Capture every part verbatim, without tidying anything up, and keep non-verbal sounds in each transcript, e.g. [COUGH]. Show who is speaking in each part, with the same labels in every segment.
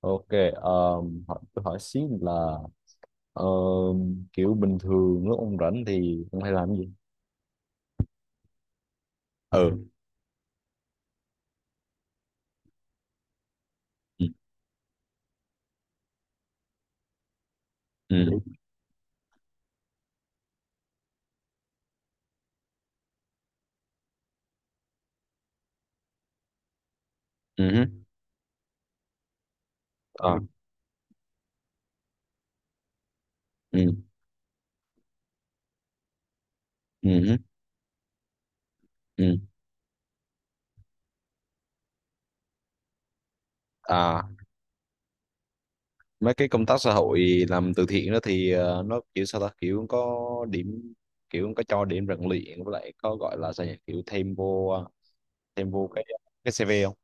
Speaker 1: Ok, um, hỏi, tôi hỏi xí là um, kiểu bình thường lúc ông rảnh thì ông hay làm cái gì? Ừ. Ừ. Ừ. Ừ hứ. Ờ. Ừ. Ừ hứ. Ừ. À, mấy cái công tác xã hội làm từ thiện đó thì ờ, nó kiểu sao ta kiểu có điểm, kiểu có cho điểm rèn luyện với lại có gọi là sao nhỉ kiểu thêm vô ờ, thêm vô cái cái xê vê không?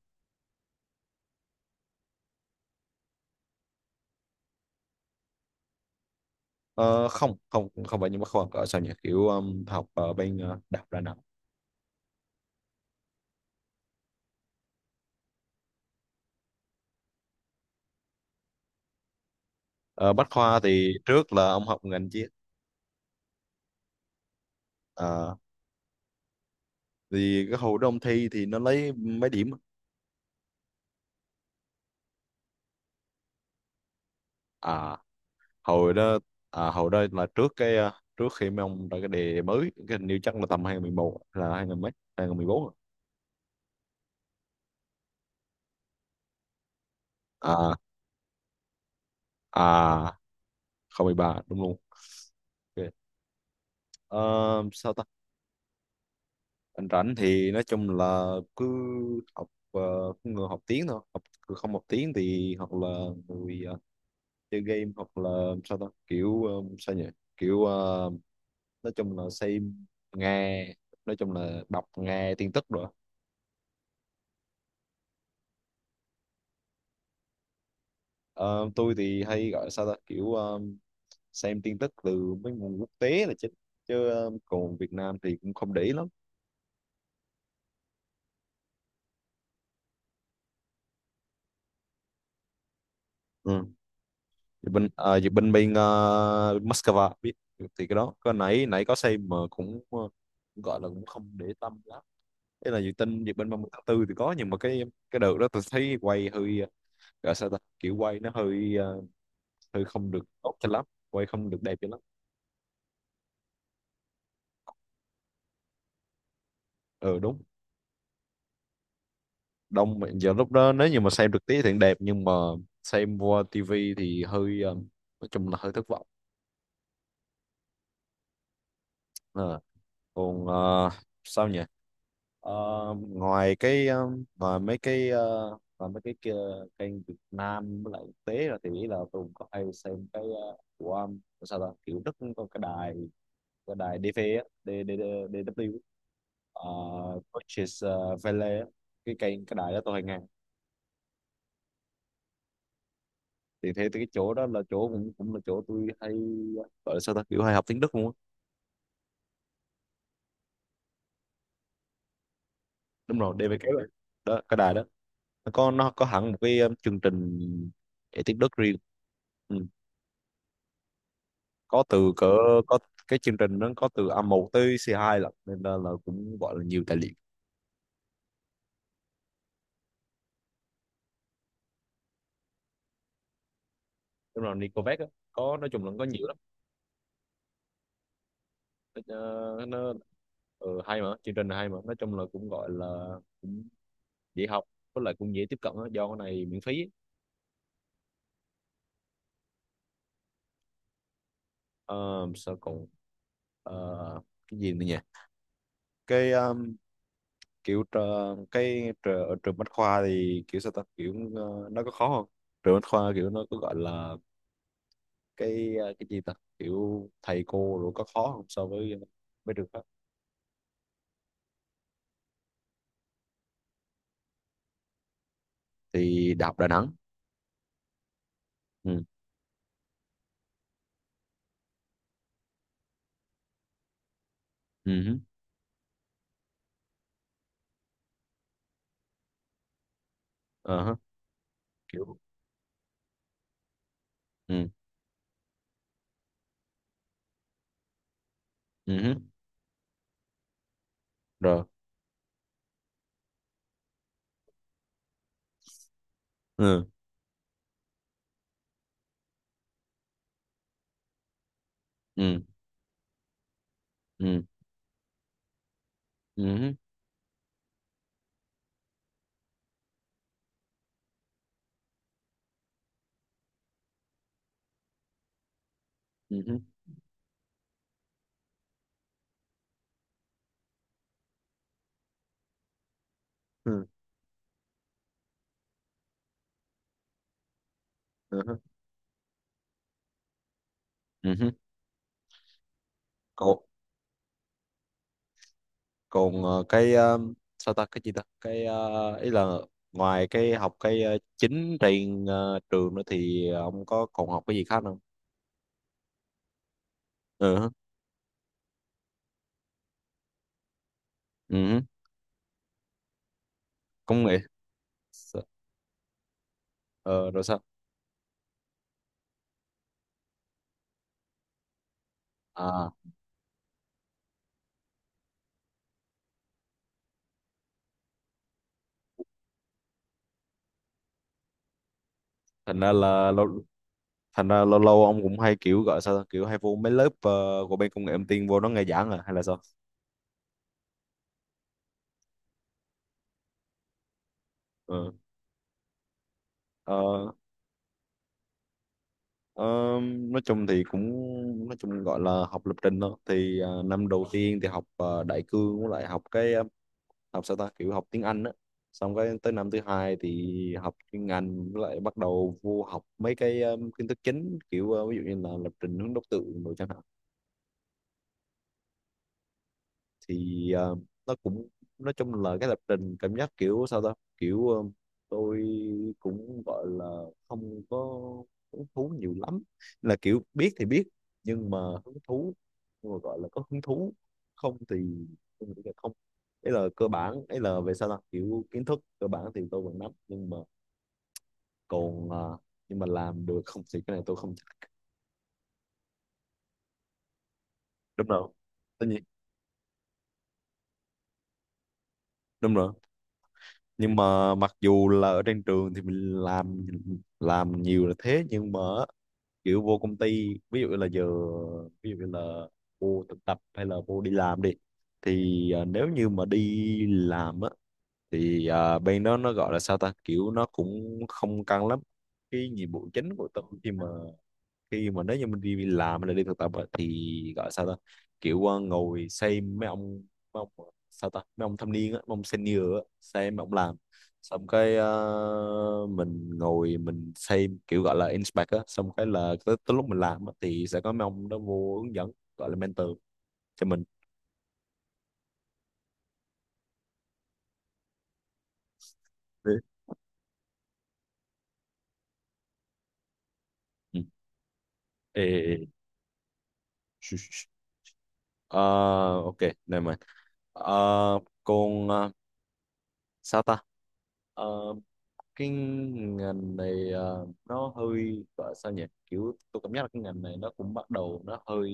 Speaker 1: Ờ, không không không phải nhưng mà khoa gọi sao nhỉ kiểu um, học ở bên ờ, đại học Đà Nẵng. Ờ, Bách khoa thì trước là ông học ngành triết, thì cái hồi đó ông thi thì nó lấy mấy điểm? À hồi đó. À hồi đó là trước cái à, trước khi mấy ông ra cái đề mới, cái hình như chắc là tầm hai không một một là hai nghìn mấy, hai nghìn mười bốn. À. À, không mười ba đúng luôn. Ok. Ờ, sao ta, anh rảnh thì nói chung là cứ học, ờ, cứ người học tiếng thôi, học cứ không học tiếng thì hoặc là người ờ, chơi game, hoặc là sao ta kiểu ờ, sao nhỉ, kiểu ờ, nói chung là xem, nghe, nói chung là đọc nghe tin tức rồi. Ờ, tôi thì hay gọi sao ta kiểu ờ, xem tin tức từ mấy nguồn quốc tế là chính, chứ ờ, còn Việt Nam thì cũng không để ý lắm. Ừ. Thì bên ờ, thì bên bên ờ, Moscow biết, thì cái đó cái nãy nãy có xem mà cũng ờ, gọi là cũng không để tâm lắm. Thế là dự tin về bên ba mươi tháng tư thì có, nhưng mà cái cái đợt đó tôi thấy quay hơi ờ, gọi sao ta kiểu quay nó hơi ờ, hơi không được tốt cho lắm. Quay không được đẹp cho lắm. Ờ đúng. Đông mà giờ lúc đó nếu như mà xem trực tiếp thì đẹp, nhưng mà xem qua tivi thì hơi ờ, nói chung là hơi thất vọng. Ờ, còn ờ, sao nhỉ. Ờ, ngoài cái ờ, ngoài mấy cái ờ, ngoài mấy cái kia, kênh Việt Nam với lại quốc tế, là thì nghĩ là tôi cũng có hay xem cái ờ, của um, sao ta kiểu Đức cũng có cái đài, cái đài đê vê á, D- D- D- đi đắp liu, uh, Deutsches ờ, Welle á. Cái kênh, cái đài đó tôi hay nghe. Thì thế cái chỗ đó là chỗ cũng cũng là chỗ tôi hay gọi là sao ta kiểu hay học tiếng Đức luôn á. Đúng rồi, đê bê ca đó. Đó, cái đài đó. Nó có nó có hẳn một cái um, chương trình dạy tiếng Đức riêng. Ừ. Có từ cỡ, có cái chương trình nó có từ a một tới xê hai lận, nên là, là cũng gọi là nhiều tài liệu. Đúng rồi, Nicovec á. Có nói chung là có nhiều lắm. Nó, nó Ừ, hay mà, chương trình này hay mà, nói chung là cũng gọi là cũng dễ học, với lại cũng dễ tiếp cận á, do cái này miễn phí. Uh, sao còn ờ, cái gì nữa nhỉ. Cái um, kiểu tr- cái tr- ở trường Bách Khoa thì kiểu sao ta kiểu ờ, nó có khó không, trường Bách Khoa kiểu nó có gọi là cái ờ, cái gì ta, kiểu thầy cô rồi có khó không so với mấy trường khác? Thì Đại học Đà Nẵng. Ừ. Ừ hứ. Ờ hứ. Kiểu. Ừ. Ừ hứ. Rồi. Ừ. Ừ. Ừ. Ừ hứ. Ừ hứ. Ừ. Ừ hứ. Ừ hứ. Cậu- còn ờ, cái ờ, sao ta cái gì ta cái ờ, ý là ngoài cái học cái ờ, chính trên ờ, trường nữa thì ông có còn học cái gì khác không? Ừ hứ. Ừ hứ. Công nghệ. S- ờ, rồi sao? À, thành ra là lâu, thành ra lâu lâu ông cũng hay kiểu gọi sao ta? Kiểu hay vô mấy lớp ờ, của bên công nghệ thông tin, vô nó nghe giảng à hay là sao? Ừ. Ờ, ờ, nói chung thì cũng nói chung gọi là học lập trình thôi, thì ờ, năm đầu tiên thì học ờ, đại cương với lại học cái ờ, học sao ta kiểu học tiếng Anh á, xong cái tới năm thứ hai thì học chuyên ngành, với lại bắt đầu vô học mấy cái um, kiến thức chính kiểu uh, ví dụ như là lập trình hướng đốc tượng đồ chẳng hạn. Thì ờ, nó cũng nói chung là cái lập trình cảm giác kiểu sao ta kiểu ờ, tôi cũng gọi là không có hứng thú nhiều lắm, là kiểu biết thì biết, nhưng mà hứng thú, nhưng mà gọi là có hứng thú không thì tôi nghĩ là không. Ấy là cơ bản, ấy là về sao ta kiểu kiến thức cơ bản thì tôi vẫn nắm, nhưng mà còn ờ, nhưng mà làm được không thì cái này tôi không chắc. Đúng rồi. Tất nhiên. Đúng rồi. Nhưng mà mặc dù là ở trên trường thì mình làm làm nhiều là thế, nhưng mà kiểu vô công ty ví dụ là giờ, ví dụ như là vô thực tập hay là vô đi làm đi, thì à, nếu như mà đi làm á thì à, bên đó nó gọi là sao ta kiểu nó cũng không căng lắm. Cái nhiệm vụ chính của tụi khi mà, khi mà nếu như mình đi làm hay là đi thực tập á, thì gọi sao ta kiểu ờ, ngồi xem mấy ông, mấy ông ờ, sao ta mấy ông thâm niên á, mấy ông senior á, xem mấy ông làm, xong cái ờ, mình ngồi mình xem kiểu gọi là inspect á, xong cái là tới, tới lúc mình làm á, thì sẽ có mấy ông đó vô hướng dẫn, gọi là mentor cho mình. Ừ. Ê, ê, ê. Shh, shh, shh. Ờ, ok, never mind. Ờ, còn ờ, sao ta? Ờ, cái ngành này ờ, nó hơi gọi sao nhỉ kiểu tôi cảm giác là cái ngành này nó cũng bắt đầu nó hơi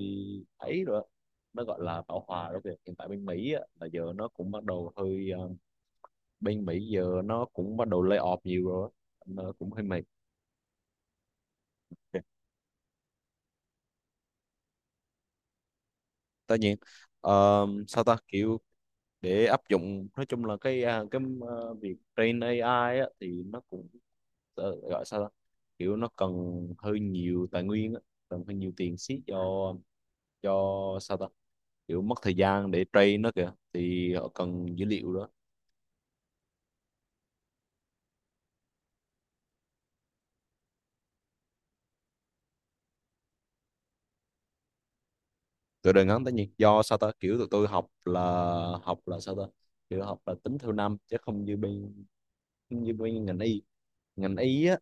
Speaker 1: ấy rồi á. Nó gọi là bão hòa đó kìa, hiện tại bên Mỹ á, là giờ nó cũng bắt đầu hơi ờ, bên Mỹ giờ nó cũng bắt đầu lay off nhiều rồi á. Nó cũng hơi mệt. Tất nhiên. Ờ, sao ta kiểu để áp dụng nói chung là cái à, cái ờ, việc train a i á, thì nó cũng ờ, gọi sao ta kiểu nó cần hơi nhiều tài nguyên á, cần hơi nhiều tiền xí cho cho sao ta kiểu mất thời gian để train nó kìa, thì họ cần dữ liệu đó. Từ đời ngắn tất nhiên do sao ta kiểu tụi tôi học là học là sao ta kiểu học là tính theo năm chứ không như bên, như bên ngành y, ngành y á,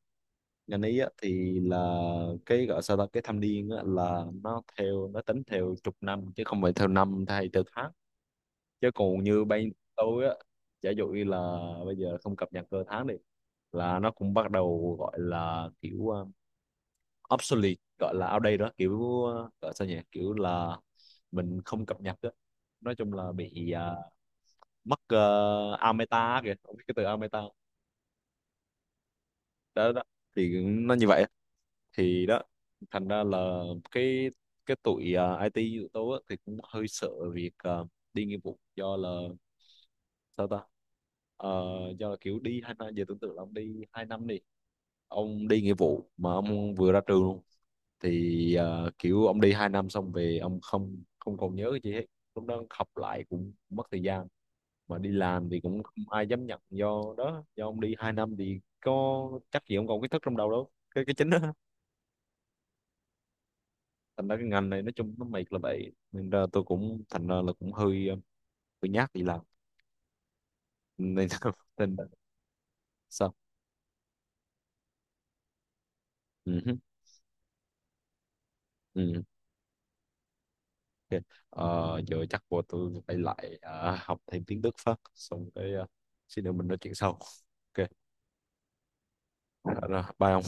Speaker 1: ngành y á thì là cái gọi sao ta cái thâm niên á là nó theo nó tính theo chục năm chứ không phải theo năm hay theo tháng. Chứ còn như bên tôi á, giả dụ như là bây giờ không cập nhật cơ tháng đi, là nó cũng bắt đầu gọi là kiểu à, obsolete, gọi là outdated đó, kiểu ờ, gọi sao nhỉ kiểu là mình không cập nhật đó. Nói chung là bị ờ, mất uh, ameta kìa, không biết cái từ ameta. Đó đó. Thì nó như vậy. Thì đó, thành ra là cái cái tụi ờ, ai ti tụi tôi á, thì cũng hơi sợ việc ờ, đi nghĩa vụ, do là sao ta. Ờ, do là kiểu đi hai năm, giờ tưởng tượng là ông đi hai năm đi, ông đi nghĩa vụ mà ông vừa ra trường luôn, thì ờ, kiểu ông đi hai năm xong về ông không không còn nhớ cái gì hết, lúc đó học lại cũng mất thời gian, mà đi làm thì cũng không ai dám nhận do đó, do ông đi hai năm thì có chắc gì ông còn kiến thức trong đầu đâu, cái cái chính đó. Thành ra cái ngành này nói chung nó mệt là vậy, nên ra tôi cũng thành ra là cũng hơi ờ, hơi nhát đi làm nên [LAUGHS] nên sao. Ừ hứ. Ừ. Ok. Ờ, giờ chắc của tôi phải lại ờ, học thêm tiếng Đức phát, xong cái ờ, xin được mình nói chuyện sau. Ok. Ờ, rồi, bye ông.